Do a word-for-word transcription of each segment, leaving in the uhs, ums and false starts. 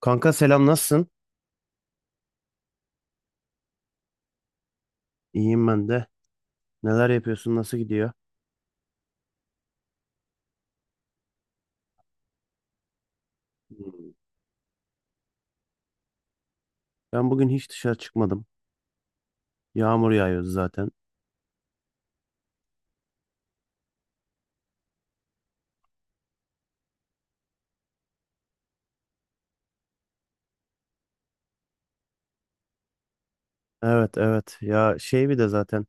Kanka selam nasılsın? İyiyim ben de. Neler yapıyorsun? Nasıl gidiyor? Hmm. Ben bugün hiç dışarı çıkmadım. Yağmur yağıyor zaten. Evet evet. Ya şey bir de zaten.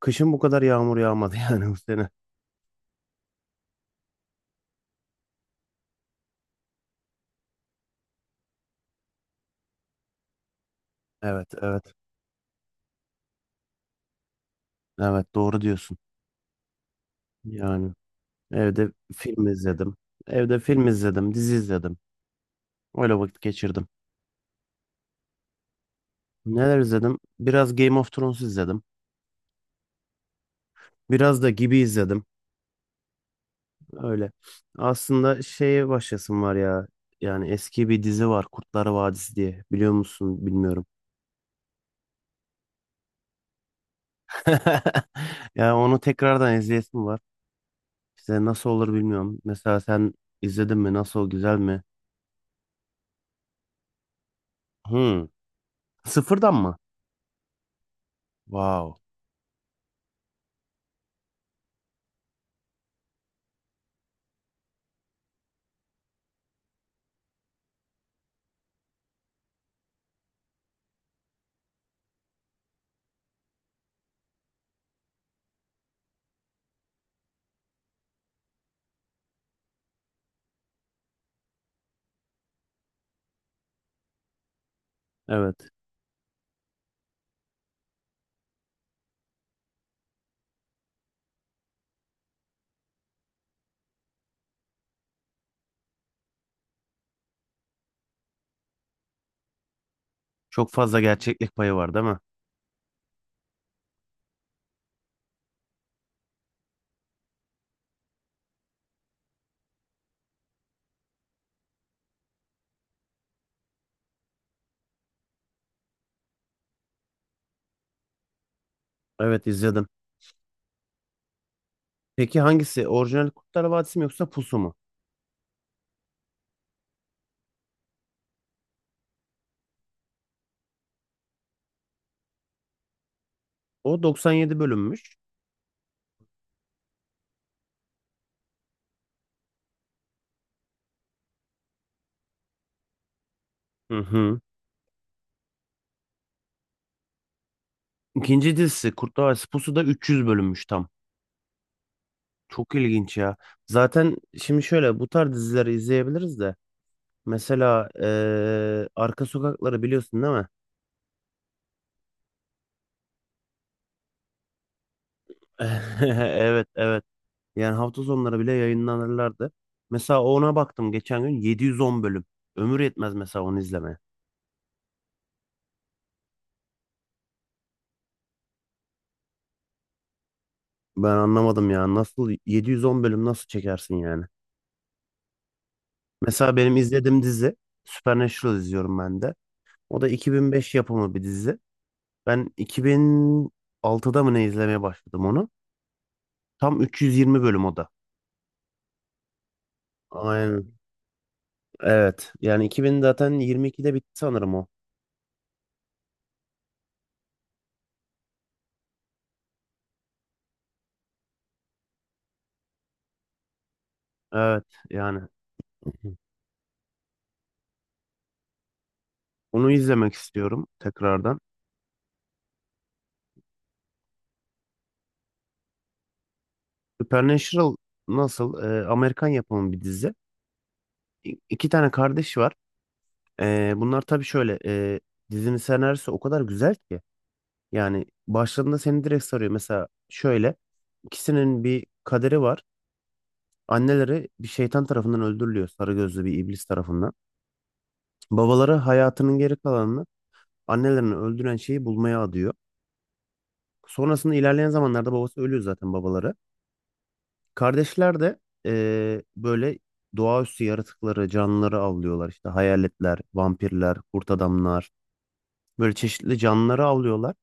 Kışın bu kadar yağmur yağmadı yani bu sene. Evet evet. Evet doğru diyorsun. Yani evde film izledim. Evde film izledim, dizi izledim. Öyle vakit geçirdim. Neler izledim? Biraz Game of Thrones izledim. Biraz da Gibi izledim. Öyle. Aslında şeye başlasın var ya. Yani eski bir dizi var Kurtlar Vadisi diye. Biliyor musun? Bilmiyorum. Ya onu tekrardan izleyesim var. İşte nasıl olur bilmiyorum. Mesela sen izledin mi? Nasıl? Güzel mi? Hmm. Sıfırdan mı? Wow. Evet. Çok fazla gerçeklik payı var değil mi? Evet izledim. Peki hangisi? Orijinal Kurtlar Vadisi mi yoksa Pusu mu? O doksan yedi bölünmüş. Hı hı. İkinci dizisi Kurtlar Vadisi Pusu da üç yüz bölünmüş tam. Çok ilginç ya. Zaten şimdi şöyle bu tarz dizileri izleyebiliriz de. Mesela eee, Arka Sokakları biliyorsun değil mi? Evet evet. Yani hafta sonları bile yayınlanırlardı. Mesela ona baktım geçen gün yedi yüz on bölüm. Ömür yetmez mesela onu izlemeye. Ben anlamadım ya. Nasıl yedi yüz on bölüm nasıl çekersin yani? Mesela benim izlediğim dizi Supernatural izliyorum ben de. O da iki bin beş yapımı bir dizi. Ben iki bin altıda mı ne izlemeye başladım onu? Tam üç yüz yirmi bölüm o da. Aynen. Evet. Yani iki bin zaten yirmi ikide bitti sanırım o. Evet. Yani onu izlemek istiyorum tekrardan. Supernatural nasıl? Ee, Amerikan yapımı bir dizi. İ- iki tane kardeş var. Ee, bunlar tabii şöyle. E, dizinin senaryosu o kadar güzel ki. Yani başladığında seni direkt sarıyor. Mesela şöyle. İkisinin bir kaderi var. Anneleri bir şeytan tarafından öldürülüyor. Sarı gözlü bir iblis tarafından. Babaları hayatının geri kalanını annelerini öldüren şeyi bulmaya adıyor. Sonrasında ilerleyen zamanlarda babası ölüyor zaten babaları. Kardeşler de eee, böyle doğaüstü yaratıkları, canlıları avlıyorlar. İşte hayaletler, vampirler, kurt adamlar. Böyle çeşitli canlıları avlıyorlar.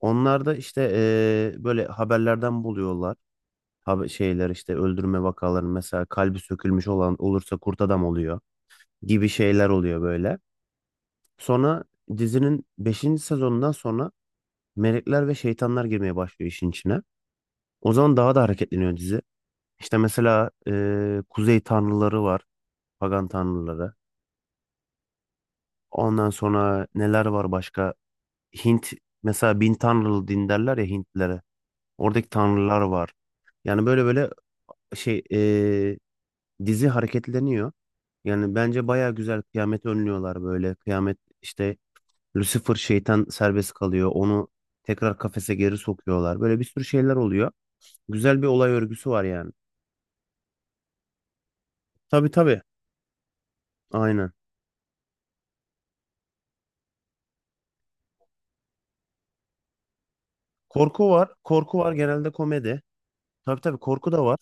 Onlar da işte eee, böyle haberlerden buluyorlar. Haber, şeyler işte öldürme vakaları mesela kalbi sökülmüş olan olursa kurt adam oluyor gibi şeyler oluyor böyle. Sonra dizinin beşinci sezonundan sonra melekler ve şeytanlar girmeye başlıyor işin içine. O zaman daha da hareketleniyor dizi. İşte mesela e, kuzey tanrıları var, pagan tanrıları. Ondan sonra neler var başka? Hint mesela bin tanrılı din derler ya Hintlilere. Oradaki tanrılar var. Yani böyle böyle şey e, dizi hareketleniyor. Yani bence baya güzel kıyameti önlüyorlar böyle. Kıyamet işte Lucifer şeytan serbest kalıyor. Onu tekrar kafese geri sokuyorlar. Böyle bir sürü şeyler oluyor. Güzel bir olay örgüsü var yani. Tabii tabii. Aynen. Korku var. Korku var genelde komedi. Tabii tabii korku da var.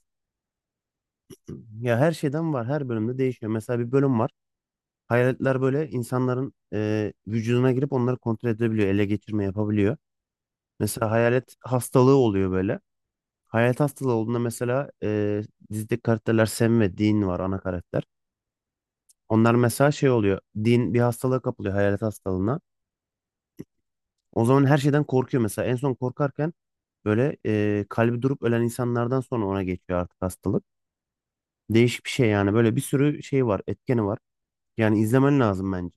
Ya her şeyden var. Her bölümde değişiyor. Mesela bir bölüm var. Hayaletler böyle insanların e, vücuduna girip onları kontrol edebiliyor. Ele geçirme yapabiliyor. Mesela hayalet hastalığı oluyor böyle. Hayalet hastalığı olduğunda mesela e, dizideki karakterler Sam ve Dean var ana karakter. Onlar mesela şey oluyor. Dean bir hastalığa kapılıyor hayalet hastalığına. O zaman her şeyden korkuyor mesela. En son korkarken böyle e, kalbi durup ölen insanlardan sonra ona geçiyor artık hastalık. Değişik bir şey yani. Böyle bir sürü şey var. Etkeni var. Yani izlemen lazım bence.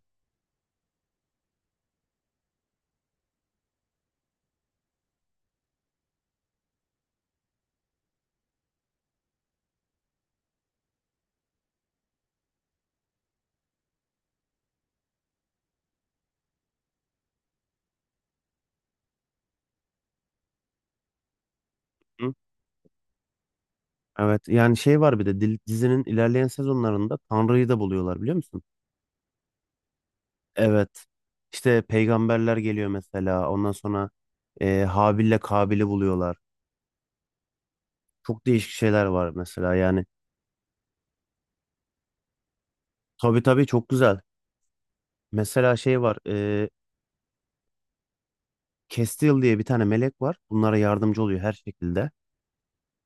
Hı? Evet yani şey var bir de dil- dizinin ilerleyen sezonlarında Tanrı'yı da buluyorlar biliyor musun? Evet. İşte peygamberler geliyor mesela. Ondan sonra e, Habil'le Kabil'i buluyorlar. Çok değişik şeyler var mesela yani. Tabii tabii çok güzel. Mesela şey var. E, Kestil diye bir tane melek var. Bunlara yardımcı oluyor her şekilde.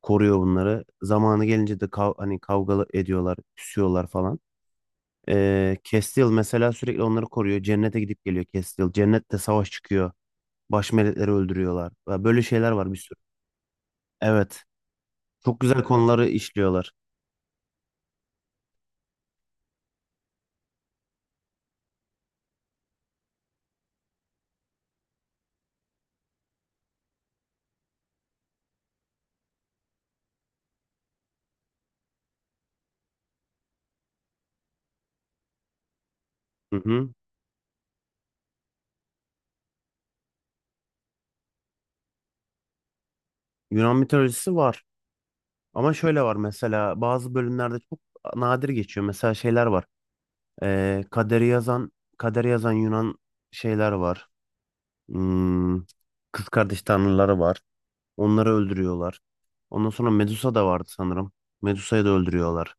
Koruyor bunları. Zamanı gelince de kav hani kavga ediyorlar, küsüyorlar falan. Ee, Kestil mesela sürekli onları koruyor. Cennete gidip geliyor Kestil. Cennette savaş çıkıyor. Baş melekleri öldürüyorlar. Ya Böyle şeyler var bir sürü. Evet. Çok güzel konuları işliyorlar. Hı hı. Yunan mitolojisi var. Ama şöyle var mesela bazı bölümlerde çok nadir geçiyor. Mesela şeyler var. Ee, kaderi yazan kaderi yazan Yunan şeyler var. Hmm, kız kardeş tanrıları var. Onları öldürüyorlar. Ondan sonra Medusa da vardı sanırım. Medusa'yı da öldürüyorlar.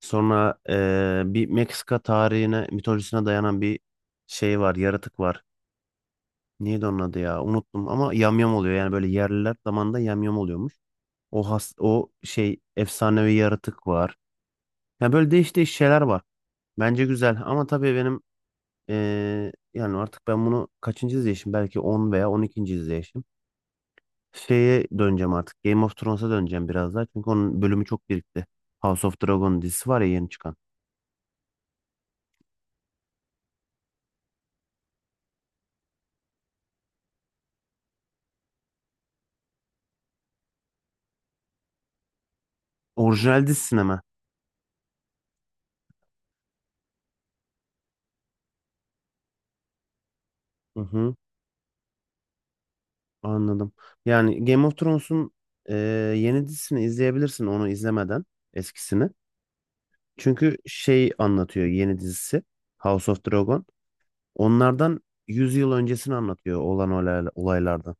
Sonra eee, bir Meksika tarihine, mitolojisine dayanan bir şey var, yaratık var. Neydi onun adı ya? Unuttum ama yamyam oluyor. Yani böyle yerliler zamanında yamyam oluyormuş. O has, o şey efsanevi yaratık var. Yani böyle değişik değiş şeyler var. Bence güzel ama tabii benim eee, yani artık ben bunu kaçıncı izleyişim? Belki on veya on ikinci izleyişim. Şeye döneceğim artık. Game of Thrones'a döneceğim biraz daha. Çünkü onun bölümü çok birikti. House of Dragon dizisi var ya yeni çıkan. Orijinal dizisine mi? Hı hı, anladım. Yani Game of Thrones'un e, yeni dizisini izleyebilirsin onu izlemeden eskisini. Çünkü şey anlatıyor yeni dizisi House of Dragon. Onlardan yüz yıl öncesini anlatıyor olan olayla- olaylardan.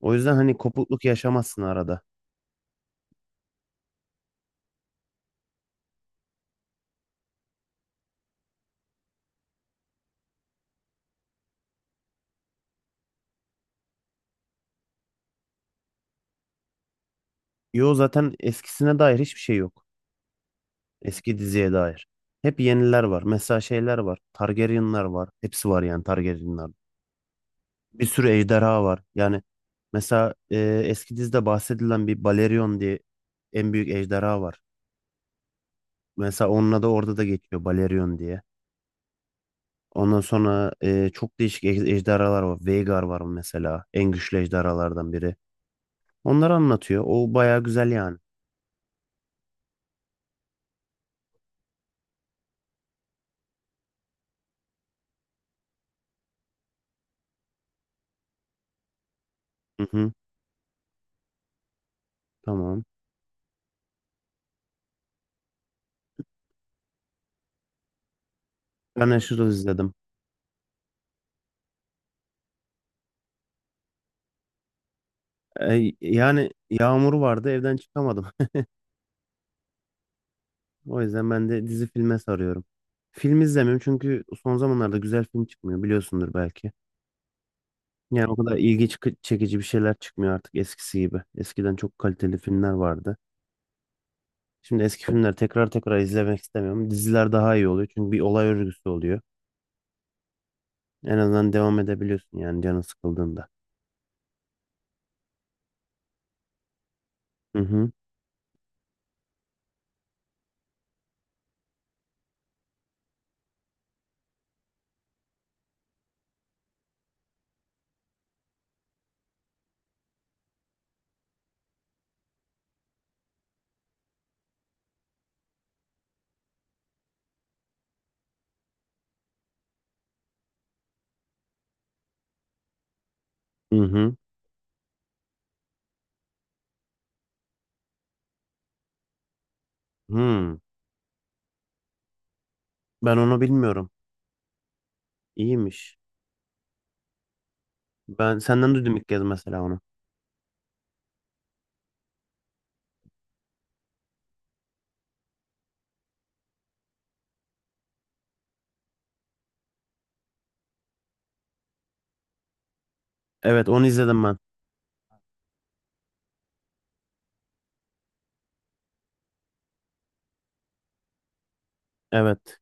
O yüzden hani kopukluk yaşamazsın arada. Yo zaten eskisine dair hiçbir şey yok. Eski diziye dair. Hep yeniler var. Mesela şeyler var. Targaryenlar var. Hepsi var yani Targaryenlar. Bir sürü ejderha var. Yani mesela e, eski dizide bahsedilen bir Balerion diye en büyük ejderha var. Mesela onunla da orada da geçiyor Balerion diye. Ondan sonra e, çok değişik ej- ejderhalar var. Vhagar var mesela. En güçlü ejderhalardan biri. Onları anlatıyor. O baya güzel yani. Hı hı, tamam. Ben aşırı izledim. E, yani yağmur vardı evden çıkamadım. O yüzden ben de dizi filme sarıyorum. Film izlemiyorum çünkü son zamanlarda güzel film çıkmıyor biliyorsundur belki. Yani o kadar ilgi çıkı- çekici bir şeyler çıkmıyor artık eskisi gibi. Eskiden çok kaliteli filmler vardı. Şimdi eski filmleri tekrar tekrar izlemek istemiyorum. Diziler daha iyi oluyor çünkü bir olay örgüsü oluyor. En azından devam edebiliyorsun yani canın sıkıldığında. Hı hı. Hı hı. Hı. Ben onu bilmiyorum. İyiymiş. Ben senden duydum ilk kez mesela onu. Evet onu izledim ben. Evet.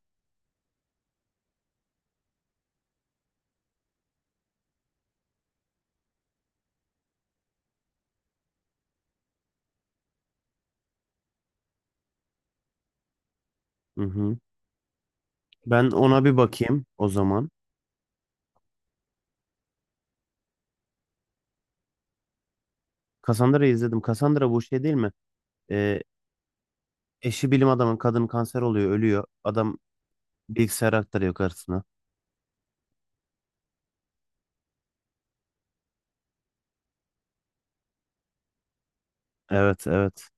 Hı hı. Ben ona bir bakayım o zaman. Cassandra'yı izledim. Cassandra bu şey değil mi? Ee, eşi bilim adamın kadın kanser oluyor, ölüyor. Adam bilgisayar aktarıyor karısına. Evet, evet.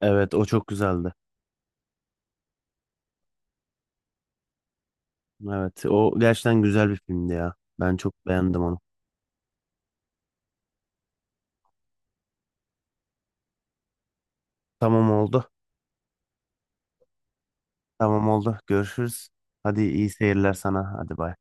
Evet o çok güzeldi. Evet o gerçekten güzel bir filmdi ya. Ben çok beğendim onu. Tamam oldu. Tamam oldu. Görüşürüz. Hadi iyi seyirler sana. Hadi bay.